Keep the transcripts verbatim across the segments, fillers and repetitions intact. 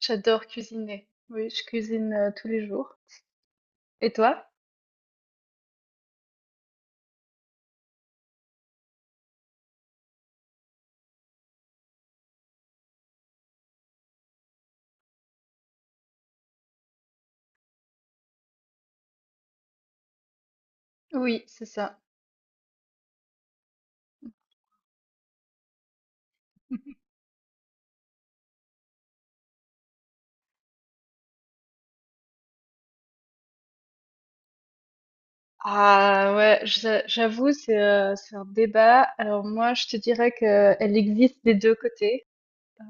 J'adore cuisiner. Oui, je cuisine euh, tous les jours. Et toi? Oui, c'est ça. Ah ouais, j'a- j'avoue, c'est euh, c'est un débat. Alors moi, je te dirais que elle existe des deux côtés. Euh,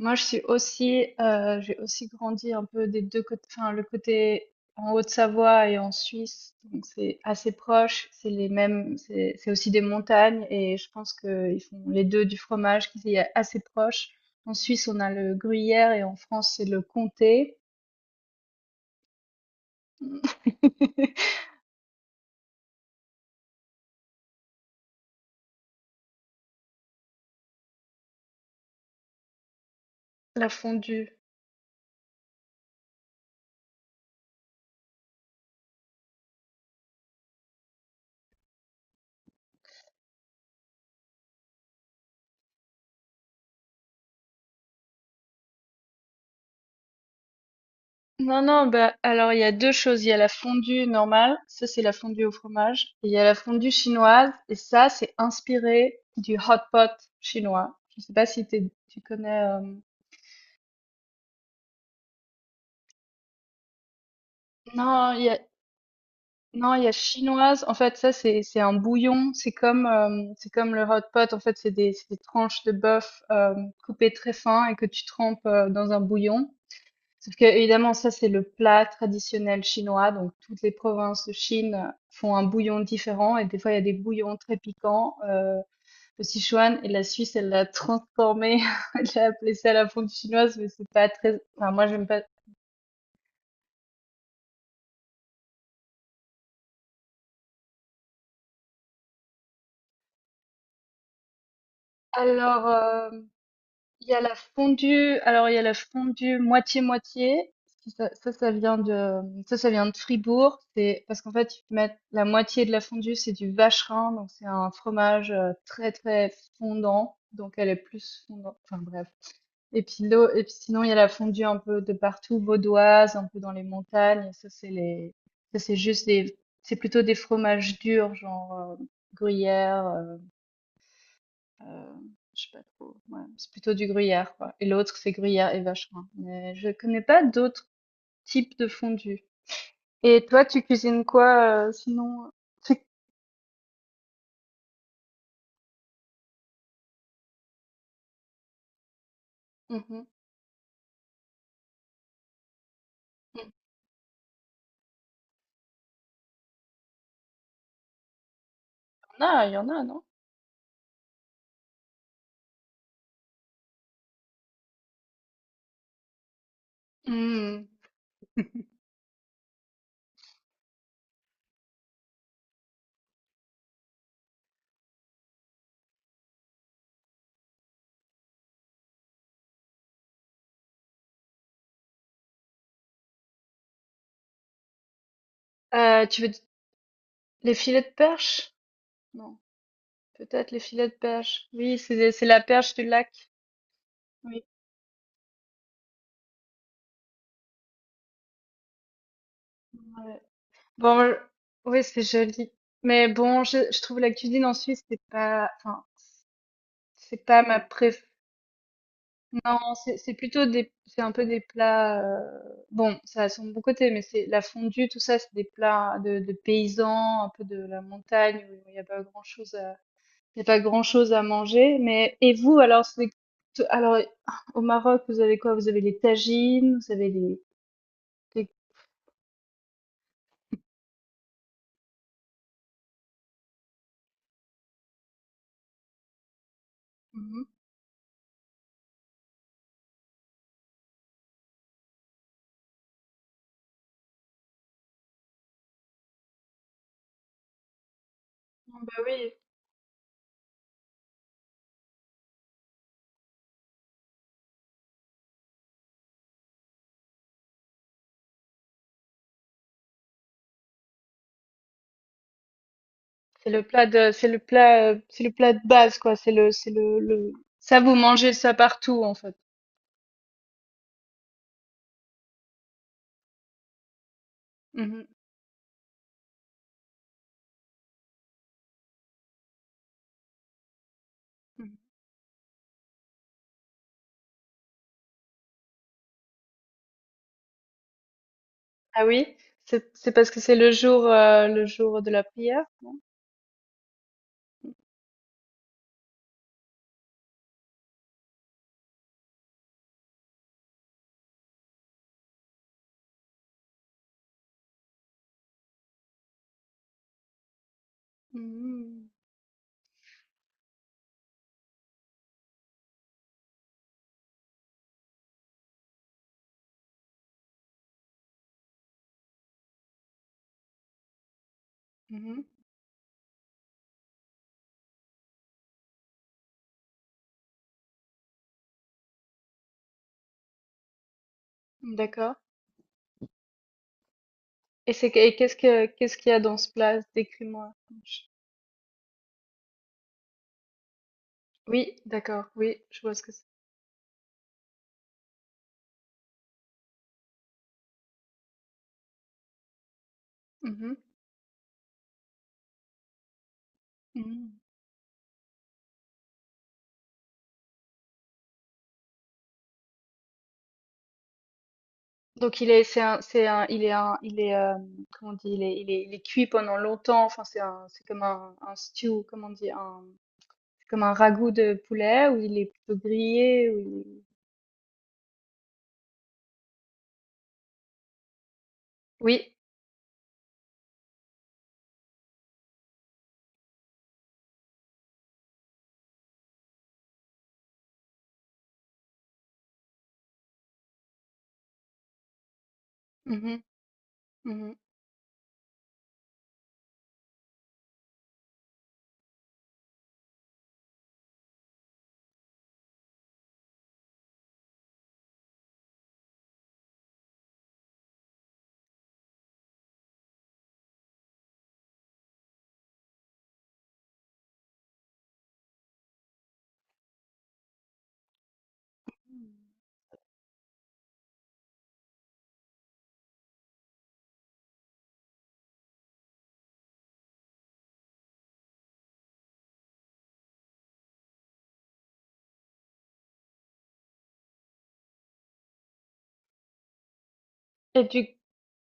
Moi, je suis aussi, euh, j'ai aussi grandi un peu des deux côtés, enfin, le côté en Haute-Savoie et en Suisse, donc c'est assez proche, c'est les mêmes, c'est c'est aussi des montagnes et je pense qu'ils font les deux du fromage qui est assez proche. En Suisse, on a le gruyère et en France, c'est le comté. La fondue. Non, non, bah, alors il y a deux choses. Il y a la fondue normale, ça c'est la fondue au fromage, et il y a la fondue chinoise, et ça c'est inspiré du hot pot chinois. Je sais pas si t'es- tu connais. euh, Non, il y a, non, il y a chinoise. En fait, ça c'est c'est un bouillon. C'est comme euh, c'est comme le hot pot. En fait, c'est des c'est des tranches de bœuf euh, coupées très fin et que tu trempes euh, dans un bouillon. Sauf que, évidemment, ça, c'est le plat traditionnel chinois. Donc, toutes les provinces de Chine font un bouillon différent. Et des fois, il y a des bouillons très piquants. Euh, le Sichuan et la Suisse, elle l'a transformé. Elle a appelé ça la fondue chinoise, mais c'est pas très, enfin, moi, j'aime pas. Alors, euh, il y a la fondue, alors il y a la fondue moitié-moitié. Ça, ça, ça vient de, ça, ça vient de Fribourg. C'est parce qu'en fait, ils mettent la moitié de la fondue, c'est du vacherin, donc c'est un fromage euh, très très fondant, donc elle est plus fondante. Enfin bref. Et puis l'eau, et puis sinon il y a la fondue un peu de partout, vaudoise, un peu dans les montagnes. ça c'est les, ça c'est juste des, c'est plutôt des fromages durs, genre euh, gruyère, euh, Heu, je sais pas trop, ouais, c'est plutôt du gruyère, quoi, et l'autre c'est gruyère et vacherin, mais je connais pas d'autres types de fondue. Et toi, tu cuisines quoi, heu, sinon? euh, C'est mmh. Mmh. Il y en a, il y en a, non? Mmh. Heu, tu veux d Les filets de perche? Non, peut-être les filets de perche. Oui, c'est c'est la perche du lac. Oui, ouais. Bon, heu, oui, c'est joli, mais bon, je je trouve la cuisine en Suisse, c'est pas enfin, c'est pas ma préf non, c'est c'est plutôt des, c'est un peu des plats. Euh, bon, ça a son bon côté, mais c'est la fondue, tout ça, c'est des plats de, de paysans, un peu de la montagne où il n'y a pas grand-chose à, il y a pas grand-chose à manger. Mais et vous, alors, c'est, alors au Maroc, vous avez quoi? Vous avez les tagines, vous avez les, les- mhm. Ah bah oui, c'est le plat de, c'est le plat, euh, c'est le plat de base, quoi. C'est le, c'est le, le, ça vous mangez ça partout en fait. Mhm. Ah oui? C'est c'est parce que c'est le jour, heu, le jour de la prière, non? Mmh mh. Mmh. D'accord. et c'est que et qu'est-ce que Qu'est-ce qu'il y a dans ce plat? Décris-moi. Je oui, d'accord, oui, je vois ce que c'est. Mmh mh. Mmh. Donc il est c'est un c'est un il est un il est, hem, comment on dit? Il est il est il est cuit pendant longtemps, enfin c'est un c'est comme un un stew, comment on dit? Un c'est comme un ragoût de poulet, ou il est plutôt grillé ou? il est- Oui. Mmh mh. Mmh mh. Et du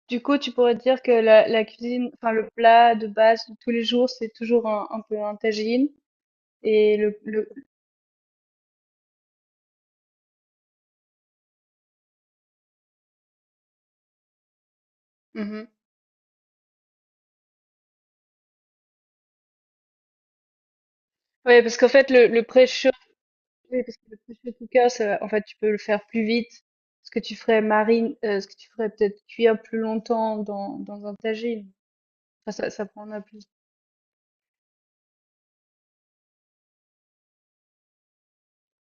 Du coup, tu pourrais dire que la, la cuisine, enfin le plat de base de tous les jours, c'est toujours un, un peu un tagine et le le. Mhm. Ouais, parce qu'en fait le le pré-chaud, oui, parce que le pré-chaud cooker, ça, en fait, tu peux le faire plus vite. Ce que tu ferais marine, euh, ce que tu ferais peut-être cuire plus longtemps dans dans un tagine. Enfin, ça ça prendra plus.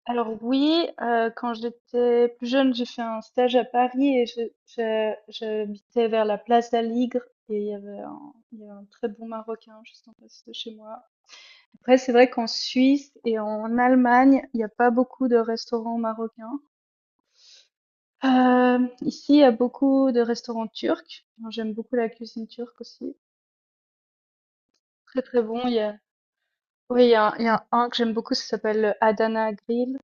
Alors oui, euh, quand j'étais plus jeune, j'ai fait un stage à Paris et je- je- j'habitais vers la place d'Aligre et il y avait un, il y avait un très bon Marocain juste en face de chez moi. Après, c'est vrai qu'en Suisse et en Allemagne, il n'y a pas beaucoup de restaurants marocains. Euh, ici, il y a beaucoup de restaurants turcs. Moi, j'aime beaucoup la cuisine turque aussi. Très très bon. Il y a, oui, il y a, un- il y a un que j'aime beaucoup, ça s'appelle Adana Grill.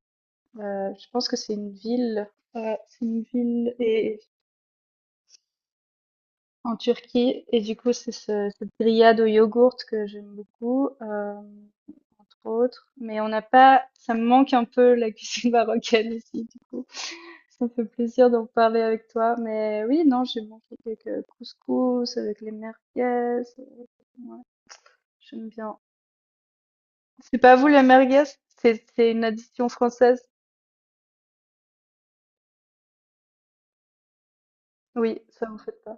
Euh, je pense que c'est une ville. Euh, c'est une ville et en Turquie, et du coup c'est ce, cette grillade au yogourt que j'aime beaucoup, euh, entre autres, mais on n'a pas, ça me manque un peu la cuisine marocaine ici, du coup ça me fait plaisir d'en parler avec toi, mais oui, non, j'ai mangé quelques couscous avec les merguez. euh, ouais, j'aime bien. C'est pas vous les merguez, c'est c'est une addition française. Oui, ça vous fait pas.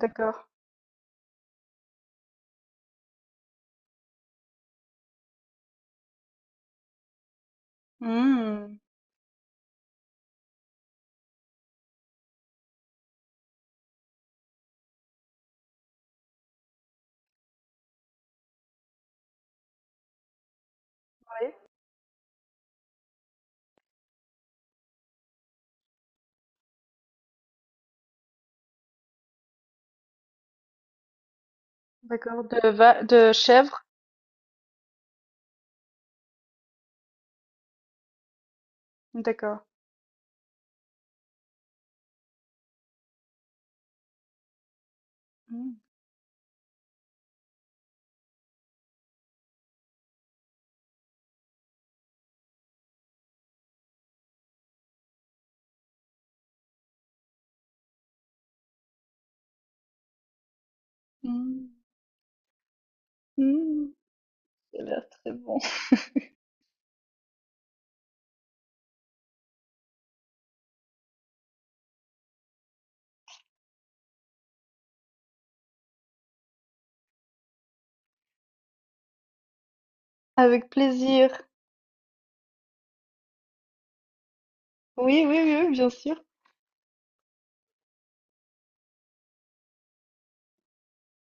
D'accord. Mmh. Oui, d'accord. De va de chèvre. D'accord. Mmh. Mmh. Mmh. Ça a l'air très bon. Avec plaisir. Oui, oui, oui, bien sûr.